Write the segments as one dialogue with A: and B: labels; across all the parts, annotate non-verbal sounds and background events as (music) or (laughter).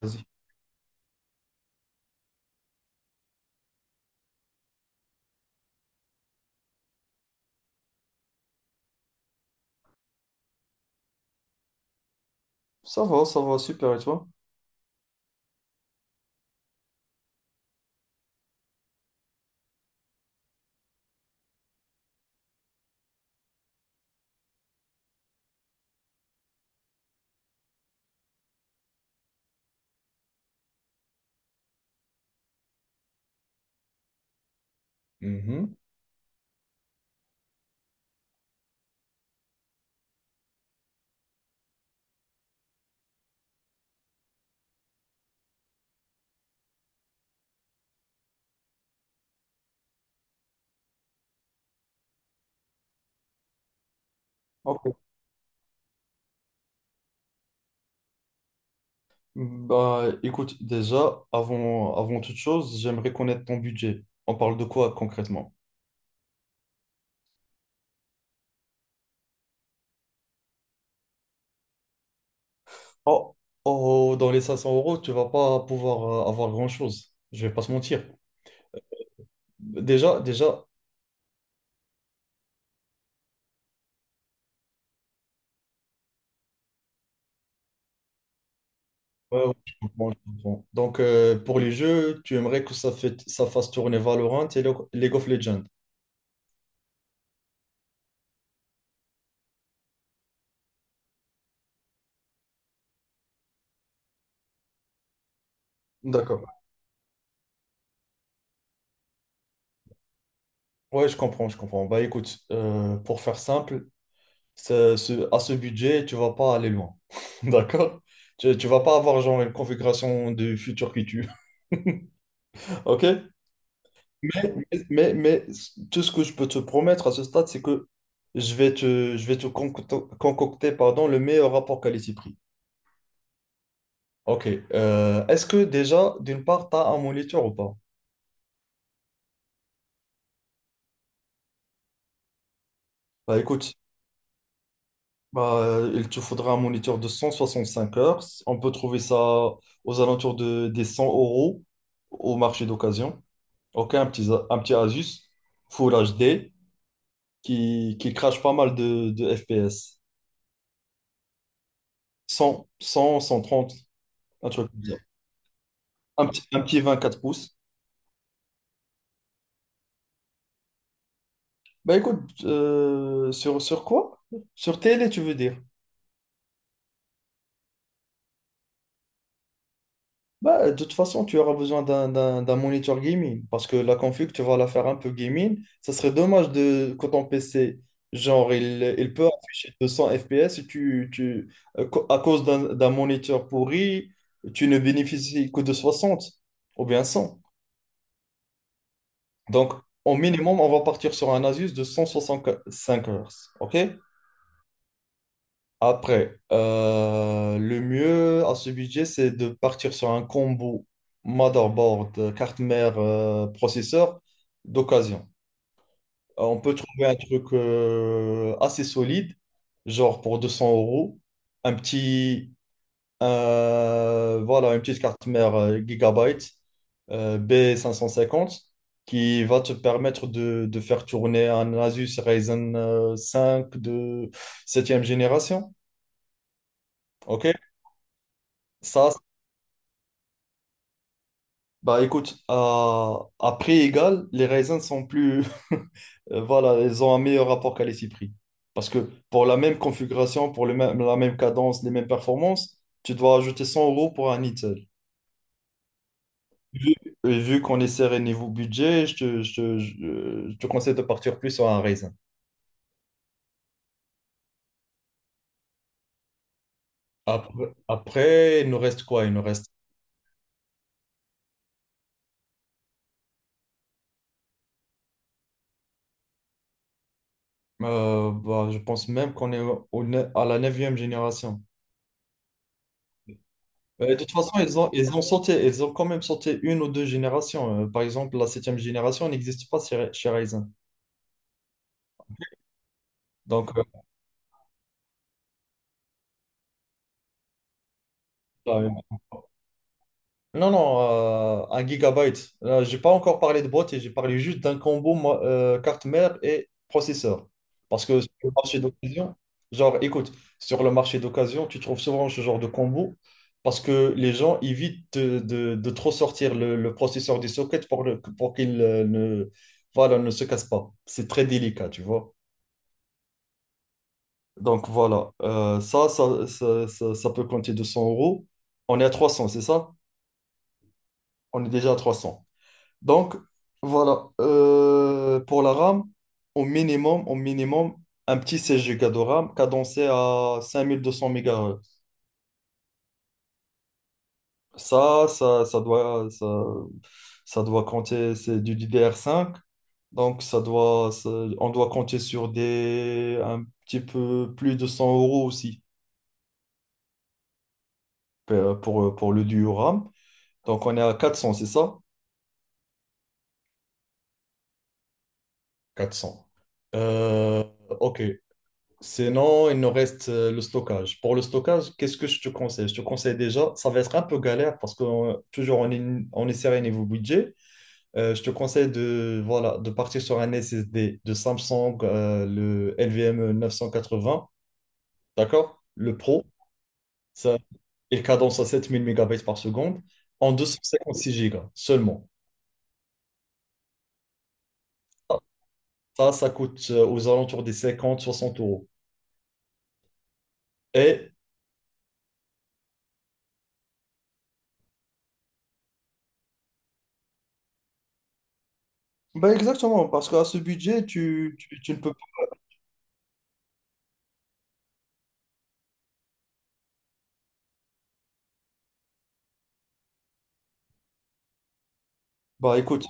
A: Vas-y. Ça va, super, et toi? Mhm. OK. Bah, écoute, déjà, avant toute chose, j'aimerais connaître ton budget. On parle de quoi concrètement? Oh, oh, dans les 500 euros, tu vas pas pouvoir avoir grand-chose. Je vais pas se mentir. Déjà, ouais, ouais, je comprends, je comprends. Donc, pour les jeux, tu aimerais que ça fasse tourner Valorant et League of Legends. D'accord. Ouais, je comprends, je comprends. Bah écoute, pour faire simple, à ce budget, tu vas pas aller loin. (laughs) D'accord? Tu vas pas avoir genre une configuration de futur qui tue. (laughs) OK? Mais, mais tout ce que je peux te promettre à ce stade, c'est que je vais te concocter, concocter, pardon, le meilleur rapport qualité-prix. OK. Est-ce que déjà, d'une part, tu as un moniteur ou pas? Bah écoute, il te faudra un moniteur de 165 heures. On peut trouver ça aux alentours des 100 € au marché d'occasion. OK, un petit Asus Full HD qui crache pas mal de FPS. Cent trente, un truc comme ça. Un petit 24 pouces. Bah écoute, sur quoi? Sur télé, tu veux dire? Bah, de toute façon, tu auras besoin d'un monitor gaming parce que la config, tu vas la faire un peu gaming. Ça serait dommage de quand ton PC, genre, il peut afficher 200 FPS et à cause d'un moniteur pourri, tu ne bénéficies que de 60 ou bien cent. Donc, au minimum, on va partir sur un Asus de 165 Hz. OK? Après, le mieux à ce budget, c'est de partir sur un combo motherboard, carte mère, processeur d'occasion. On peut trouver un truc assez solide, genre pour 200 euros, un petit, voilà, une petite carte mère Gigabyte, b cinq cent cinquante, qui va te permettre de faire tourner un Asus Ryzen 5 de septième génération. OK? Ça, Bah écoute, à prix égal, les raisins sont plus... (laughs) Voilà, ils ont un meilleur rapport qualité-prix. Parce que pour la même configuration, la même cadence, les mêmes performances, tu dois ajouter 100 € pour un Eatel. Vu, et vu qu'on est serré niveau budget, je te conseille de partir plus sur un raisin. Après, il nous reste quoi? Il nous reste... bah, je pense même qu'on est au, au ne- à la neuvième génération. De toute façon, ils ont quand même sauté une ou deux générations. Par exemple, la septième génération n'existe pas chez Ryzen. Donc, là, non, non, un gigabyte. Là, j'ai pas encore parlé de boîte et j'ai parlé juste d'un combo moi, carte mère et processeur. Parce que sur le marché d'occasion, genre, écoute, sur le marché d'occasion, tu trouves souvent ce genre de combo parce que les gens évitent de trop sortir le processeur des sockets pour qu'il ne, voilà, ne se casse pas. C'est très délicat, tu vois. Donc voilà. Ça peut compter 200 euros. On est à 300, c'est ça? On est déjà à 300. Donc voilà. Pour la RAM, au minimum, un petit 16 Go de RAM cadencé à 5200 MHz. Ça, ça, ça doit, ça, ça doit compter, c'est du DDR5. Donc on doit compter un petit peu plus de 100 € aussi, pour le duo RAM. Donc, on est à 400, c'est ça? 400. Euh, OK. Sinon, il nous reste le stockage. Pour le stockage, qu'est-ce que je te conseille? Je te conseille déjà, ça va être un peu galère parce que toujours on est serré niveau budget. Je te conseille voilà, de partir sur un SSD de Samsung, le quatre 980, d'accord? Le Pro, ça, il cadence à 7 000 MB par seconde en 256 gigas seulement. Ça coûte aux alentours des cinquante soixante euros. Et bah exactement, parce qu'à ce budget, tu ne peux pas. Bah écoute,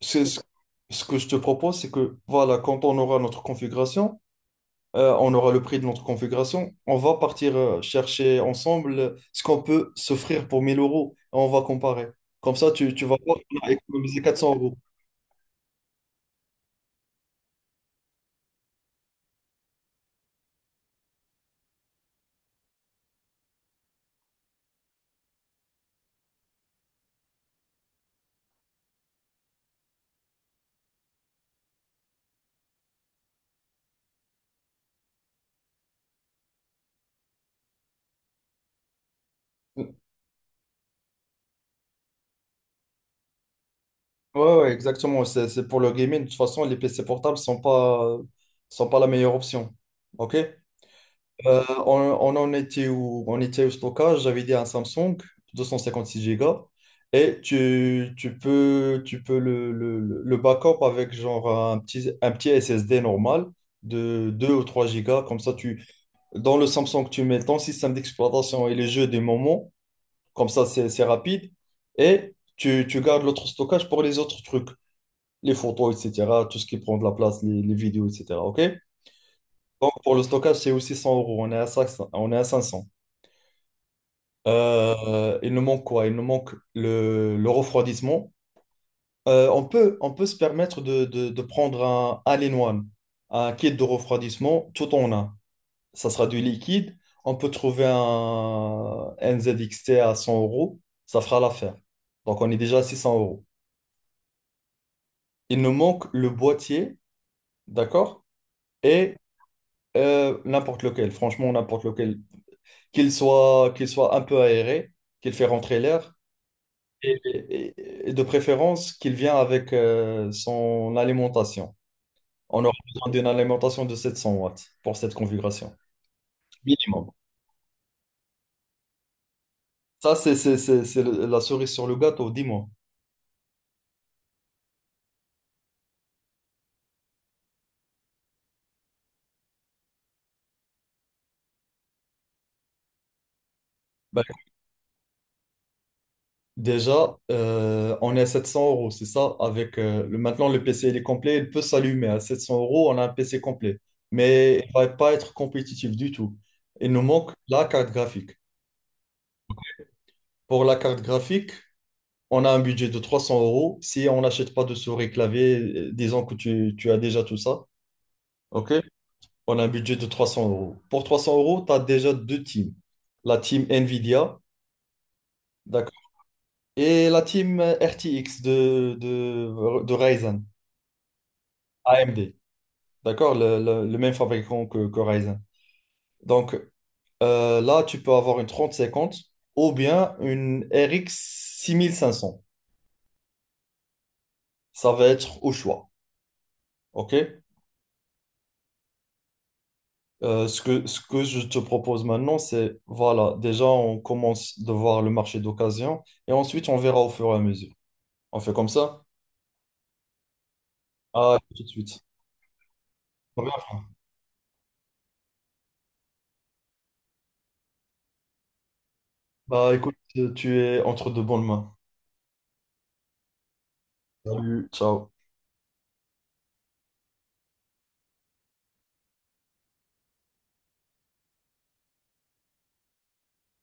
A: c'est ce que je te propose, c'est que voilà, quand on aura notre configuration, on aura le prix de notre configuration, on va partir chercher ensemble ce qu'on peut s'offrir pour 1 000 € et on va comparer. Comme ça, tu vas voir qu'on a économisé 400 euros. Ouais, ouais, exactement, c'est pour le gaming. De toute façon, les PC portables sont pas la meilleure option. OK? Euh, on, on en était où? On était au stockage, j'avais dit un Samsung 256 Go et tu peux le backup avec genre un petit SSD normal de 2 ou 3 Go. Comme ça, dans le Samsung, tu mets ton système d'exploitation et les jeux des moments. Comme ça, c'est rapide. Et tu gardes l'autre stockage pour les autres trucs, les photos, etc., tout ce qui prend de la place, les vidéos, etc. OK? Donc, pour le stockage, c'est aussi 100 euros. On est à 500. On est à 500. Il nous manque quoi? Il nous manque le refroidissement. On peut se permettre de prendre un Allen One, un kit de refroidissement, tout en un. Ça sera du liquide. On peut trouver un NZXT à 100 euros. Ça fera l'affaire. Donc, on est déjà à 600 euros. Il nous manque le boîtier, d'accord? Et n'importe lequel, franchement, n'importe lequel. Qu'il soit un peu aéré, qu'il fait rentrer l'air. Et, et et de préférence qu'il vient avec son alimentation. On aura besoin d'une alimentation de 700 watts pour cette configuration. Minimum. Ça, c'est la cerise sur le gâteau, dis-moi. Ben, déjà, on est à 700 euros, c'est ça? Avec, maintenant, le PC il est complet, il peut s'allumer. À 700 euros, on a un PC complet. Mais il ne va pas être compétitif du tout. Il nous manque la carte graphique. Pour la carte graphique, on a un budget de 300 euros. Si on n'achète pas de souris clavier, disons que tu as déjà tout ça, OK? On a un budget de 300 euros. Pour 300 euros, tu as déjà deux teams. La team NVIDIA, d'accord, et la team RTX de Ryzen, AMD, d'accord, le même fabricant que Ryzen. Donc, là, tu peux avoir une 3050 ou bien une RX 6500. Ça va être au choix, OK? Ce que je te propose maintenant, c'est, voilà, déjà, on commence de voir le marché d'occasion et ensuite, on verra au fur et à mesure. On fait comme ça? Ah, tout de suite. Très bien. Bah, écoute, tu es entre de bonnes mains. Salut, ciao.